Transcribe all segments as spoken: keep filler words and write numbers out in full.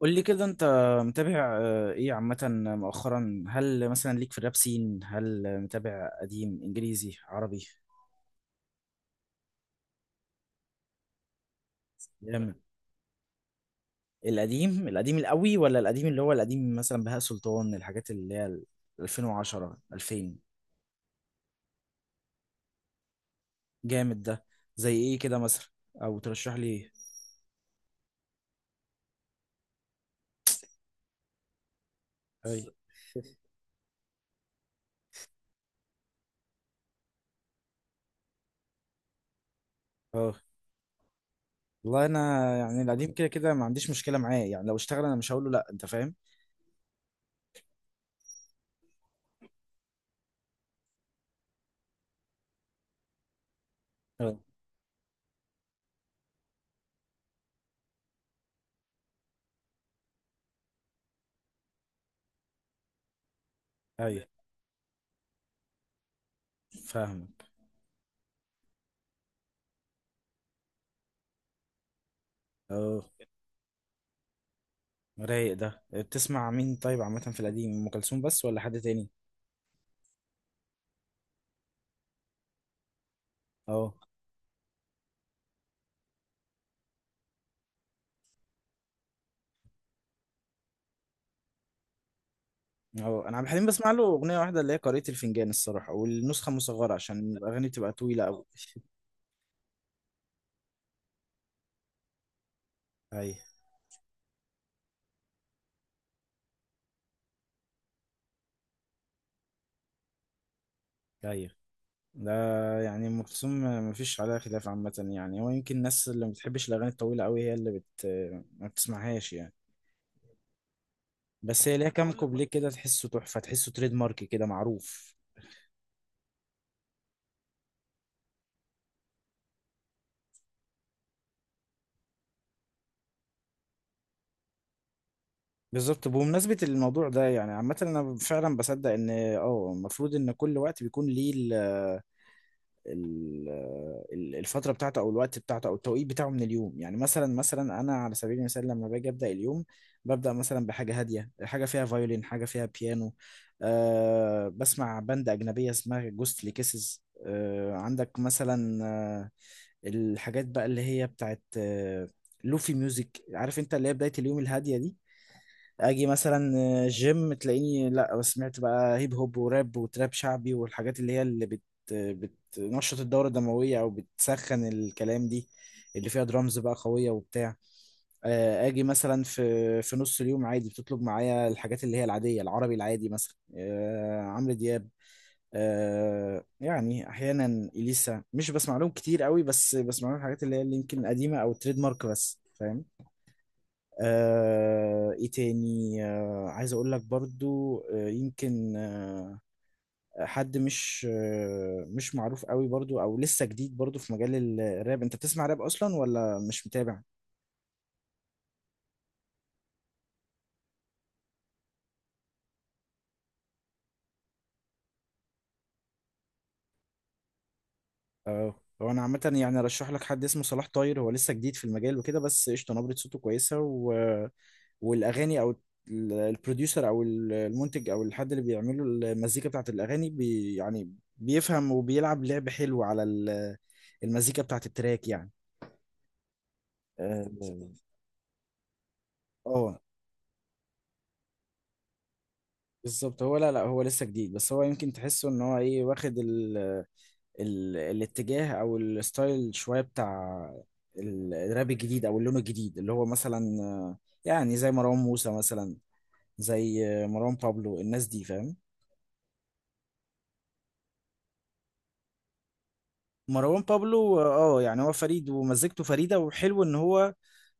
قول لي كده، انت متابع، آه، ايه عامة مؤخرا؟ هل مثلا ليك في الراب سين؟ هل متابع قديم؟ انجليزي، عربي؟ جامد. القديم، القديم القوي ولا القديم اللي هو القديم مثلا بهاء سلطان، الحاجات اللي هي ال ألفين وعشرة ألفين. جامد ده. زي ايه كده مثلا؟ او ترشح لي ايه؟ اي. اه، والله انا يعني القديم كده كده ما عنديش مشكلة معاه، يعني لو اشتغل انا مش هقول له لا. انت فاهم. اه، ايوه، فاهمك. اه، رايق ده. بتسمع مين طيب عامة في القديم؟ أم كلثوم بس ولا حد تاني؟ اه، اه، أنا عبد الحليم بسمع له أغنية واحدة، اللي هي قارئة الفنجان الصراحة، والنسخة مصغرة عشان الأغاني بتبقى طويلة أوي. أيوه، أيوه. ده يعني أم كلثوم مفيش عليها خلاف عامة، يعني هو يمكن الناس اللي ما بتحبش الأغاني الطويلة أوي هي اللي بت ما بتسمعهاش يعني. بس هي ليها كام، اقول لك، كوبليه كده تحسه تحفة، تحسه تريد مارك كده معروف. بالظبط. بمناسبة الموضوع ده يعني عامة أنا فعلا بصدق إن اه المفروض إن كل وقت بيكون ليه ال- ال- الفترة بتاعته أو الوقت بتاعته أو التوقيت بتاعه من اليوم. يعني مثلا مثلا أنا على سبيل المثال لما باجي أبدأ اليوم، ببدأ مثلا بحاجة هادية، حاجة فيها فيولين، حاجة فيها بيانو. أه بسمع باند أجنبية اسمها جوستلي كيسز. أه عندك مثلا أه الحاجات بقى اللي هي بتاعت أه لوفي ميوزك، عارف انت، اللي هي بداية اليوم الهادية دي. اجي مثلا جيم تلاقيني لا، سمعت بقى هيب هوب وراب وتراب شعبي والحاجات اللي هي اللي بت بتنشط الدورة الدموية او بتسخن الكلام، دي اللي فيها درامز بقى قوية وبتاع. آه، اجي مثلا في في نص اليوم عادي بتطلب معايا الحاجات اللي هي العادية، العربي العادي مثلا آه، عمرو دياب، آه، يعني احيانا اليسا، مش بسمع لهم كتير قوي بس بسمع لهم الحاجات اللي هي اللي يمكن قديمة او تريد مارك بس، فاهم. آه ايه تاني؟ آه عايز اقول لك برضو آه يمكن آه حد مش آه مش معروف قوي برضو، او لسه جديد برضو في مجال ال- الراب. انت بتسمع راب اصلا ولا مش متابع؟ اه، هو انا عامه يعني ارشح لك حد اسمه صلاح طاير. هو لسه جديد في المجال وكده بس قشطه، نبره صوته كويسه، و... والاغاني، او ال- البروديوسر، او ال- المنتج، او الحد اللي بيعمله المزيكا بتاعت الاغاني، بي يعني بيفهم وبيلعب لعب حلو على ال- المزيكا بتاعت التراك يعني. اه، آه، بالظبط. هو لا، لا، هو لسه جديد بس هو يمكن تحسه ان هو ايه، واخد ال ال الاتجاه او الستايل شويه بتاع ال- الراب الجديد، او اللون الجديد اللي هو مثلا، آه، يعني زي مروان موسى مثلا، زي آه، مروان بابلو، الناس دي، فاهم. مروان بابلو، اه. آه، يعني هو فريد ومزجته فريده، وحلو ان هو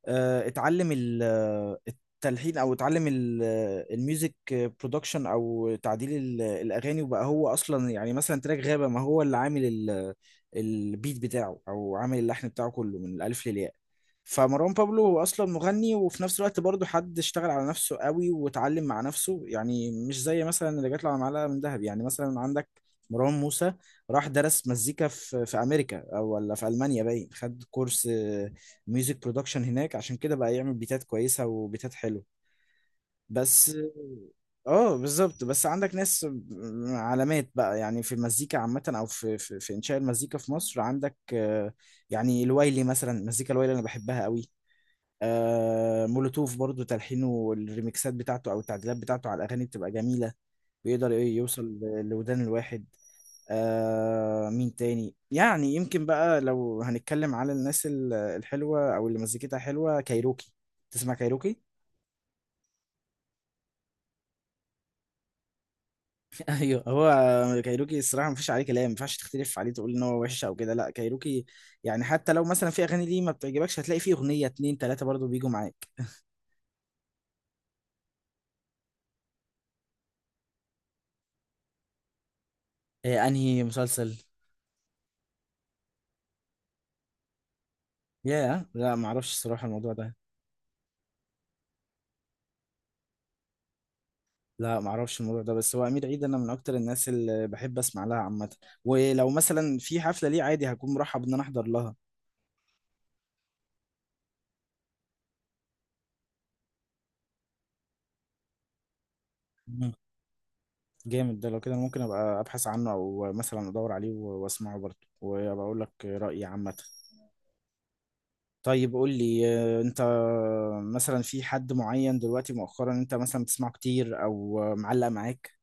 آه، اتعلم ال- آه، التلحين، او اتعلم ال- آه، الميوزك برودكشن، او تعديل ال- الاغاني، وبقى هو اصلا يعني مثلا تراك غابة، ما هو اللي عامل ال- البيت بتاعه او عامل اللحن بتاعه كله من الالف للياء. فمروان بابلو هو اصلا مغني، وفي نفس الوقت برضه حد اشتغل على نفسه قوي واتعلم مع نفسه، يعني مش زي مثلا اللي جات له على معلقه من ذهب. يعني مثلا عندك مروان موسى، راح درس مزيكا في في امريكا او ولا في المانيا باين، خد كورس ميوزك برودكشن هناك، عشان كده بقى يعمل بيتات كويسة وبيتات حلوة بس. اه، بالظبط. بس عندك ناس علامات بقى يعني في المزيكا عامة، او في في, في انشاء المزيكا في مصر، عندك آه، يعني الوايلي مثلا، المزيكا الوايلي انا بحبها قوي. آه، مولوتوف برضو تلحينه والريميكسات بتاعته او التعديلات بتاعته على الاغاني بتبقى جميلة، بيقدر إيه يوصل ل- لودان الواحد. آه مين تاني؟ يعني يمكن بقى لو هنتكلم على الناس ال- الحلوة أو اللي مزيكتها حلوة، كايروكي. تسمع كايروكي؟ ايوه. هو كايروكي الصراحة مفيش عليه كلام، مينفعش تختلف عليه تقول إن هو وحش أو كده، لا كايروكي، يعني حتى لو مثلا في أغاني ليه ما بتعجبكش، هتلاقي فيه أغنية اتنين تلاتة برضو بيجوا معاك. إيه، انهي مسلسل؟ ياه، لا معرفش الصراحة الموضوع ده. لا معرفش الموضوع ده، بس هو أمير عيد أنا من أكتر الناس اللي بحب أسمع لها عامة، ولو مثلا في حفلة ليه عادي هكون مرحب إن أنا أحضر لها. جامد ده. لو كده ممكن ابقى ابحث عنه او مثلا ادور عليه و- واسمعه برضه وابقى اقول لك رايي عامه. طيب قول لي، آه، انت مثلا في حد معين دلوقتي مؤخرا انت مثلا بتسمعه كتير او معلق معاك؟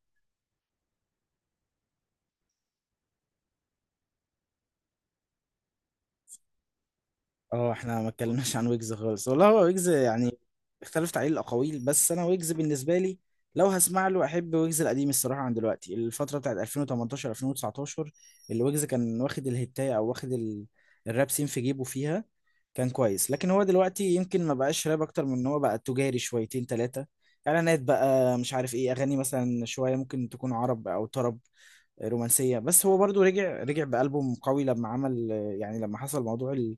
اه، احنا ما اتكلمناش عن ويجز خالص والله. هو ويجز يعني، اختلفت عليه الاقاويل بس انا ويجز بالنسبه لي، لو هسمع له احب ويجز القديم الصراحه عن دلوقتي، الفتره بتاعت ألفين وتمانتاشر ألفين وتسعتاشر اللي ويجز كان واخد الهتايه، او واخد ال- الراب سين في جيبه فيها كان كويس. لكن هو دلوقتي يمكن ما بقاش راب، اكتر من ان هو بقى تجاري شويتين ثلاثه، اعلانات بقى، مش عارف ايه، اغاني مثلا شويه ممكن تكون عرب او طرب رومانسيه. بس هو برضو رجع رجع بألبوم قوي لما عمل، يعني لما حصل موضوع ال-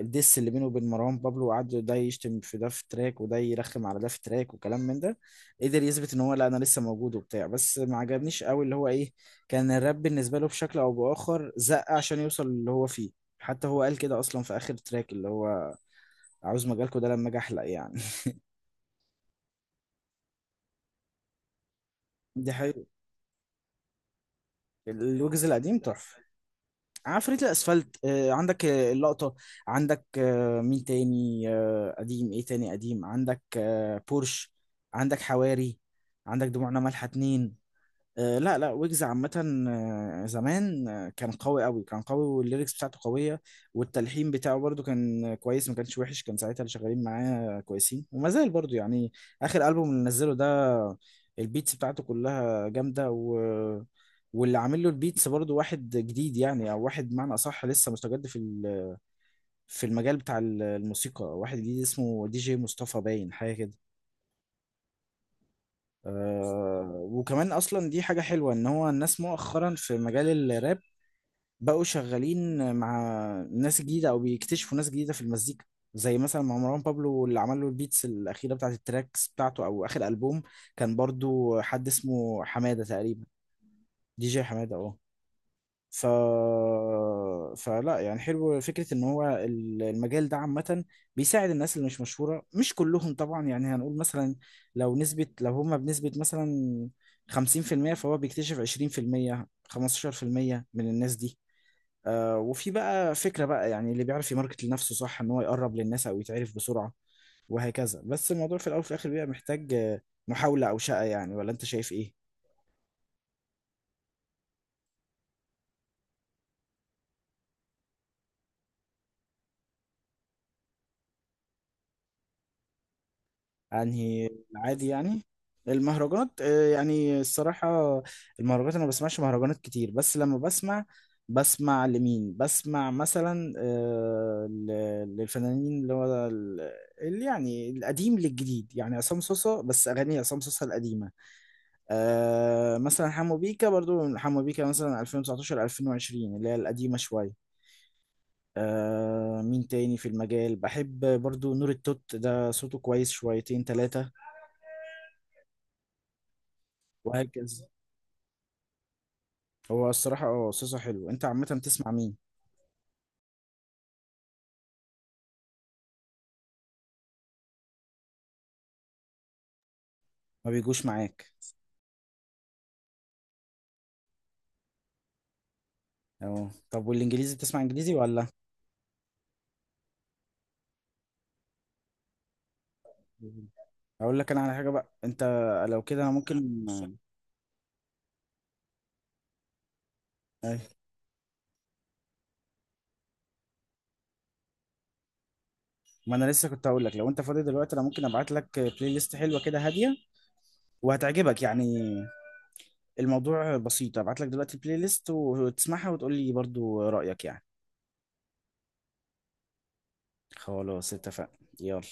الدس اللي بينه وبين مروان بابلو، وقعدوا ده يشتم في ده في تراك وده يرخم على ده في تراك وكلام من ده، قدر يثبت ان هو لا، انا لسه موجود وبتاع. بس ما عجبنيش قوي اللي هو ايه، كان الراب بالنسبه له بشكل او باخر زق عشان يوصل اللي هو فيه. حتى هو قال كده اصلا في اخر تراك، اللي هو عاوز مجالكوا ده لما اجي احلق يعني. دي حقيقة. الويجز القديم تحفه. عفريت الاسفلت، آه، عندك آه، اللقطه، عندك آه، مين تاني؟ آه، قديم ايه تاني قديم؟ عندك آه، بورش، عندك حواري، عندك دموعنا مالحه اتنين. آه، لا، لا، ويجز عامة آه، زمان آه، كان قوي، قوي كان قوي، والليركس بتاعته قوية، والتلحين بتاعه برضو كان كويس، ما كانش وحش، كان ساعتها اللي شغالين معاه كويسين، وما زال برضو يعني. آخر ألبوم اللي نزله ده البيتس بتاعته كلها جامدة، و... واللي عامل له البيتس برضو واحد جديد يعني، أو واحد بمعنى أصح لسه مستجد في ال... في المجال بتاع ال- الموسيقى، واحد جديد اسمه دي جي مصطفى باين، حاجة كده. آه وكمان اصلا دي حاجه حلوه ان هو الناس مؤخرا في مجال الراب بقوا شغالين مع ناس جديدة أو بيكتشفوا ناس جديدة في المزيكا، زي مثلا مع مروان بابلو اللي عمل له البيتس الأخيرة بتاعت التراكس بتاعته أو آخر ألبوم، كان برضو حد اسمه حمادة تقريبا، دي جي حمادة، اه. ف... فلا، يعني حلو فكرة إن هو ال- المجال ده عامة بيساعد الناس اللي مش مشهورة، مش كلهم طبعا يعني، هنقول مثلا لو نسبة، لو هما بنسبة مثلا خمسين في المية، فهو بيكتشف عشرين في المية، خمستاشر في المية من الناس دي. آه وفي بقى فكرة بقى يعني اللي بيعرف يماركت لنفسه صح، ان هو يقرب للناس او يتعرف بسرعة وهكذا. بس الموضوع في الاول وفي الاخر بيبقى محتاج آه، محاولة او شقة يعني. ولا انت شايف ايه؟ انهي العادي يعني المهرجانات؟ آه يعني الصراحة المهرجانات انا ما بسمعش مهرجانات كتير. بس لما بسمع، بسمع لمين؟ بسمع مثلا آه ل- للفنانين اللي هو ال- اللي يعني القديم للجديد، يعني عصام صوصة، بس اغاني عصام صوصة القديمة. آه مثلا حمو بيكا، برضو حمو بيكا مثلا ألفين وتسعتاشر ألفين وعشرين اللي هي القديمة شوية. آه مين تاني في المجال بحب برضو؟ نور التوت ده صوته كويس شويتين تلاتة وهكذا. هو الصراحة اه صوته حلو. انت عامة بتسمع مين؟ ما بيجوش معاك. اه، طب والانجليزي، بتسمع انجليزي ولا؟ اقول لك انا على حاجة بقى، انت لو كده انا ممكن. أي. ما انا لسه كنت هقول لك لو انت فاضي دلوقتي انا ممكن ابعت لك بلاي ليست حلوة كده، هادية وهتعجبك يعني. الموضوع بسيط، ابعت لك دلوقتي البلاي ليست وتسمعها وتقول لي برضو رأيك يعني. خلاص، اتفقنا، يلا.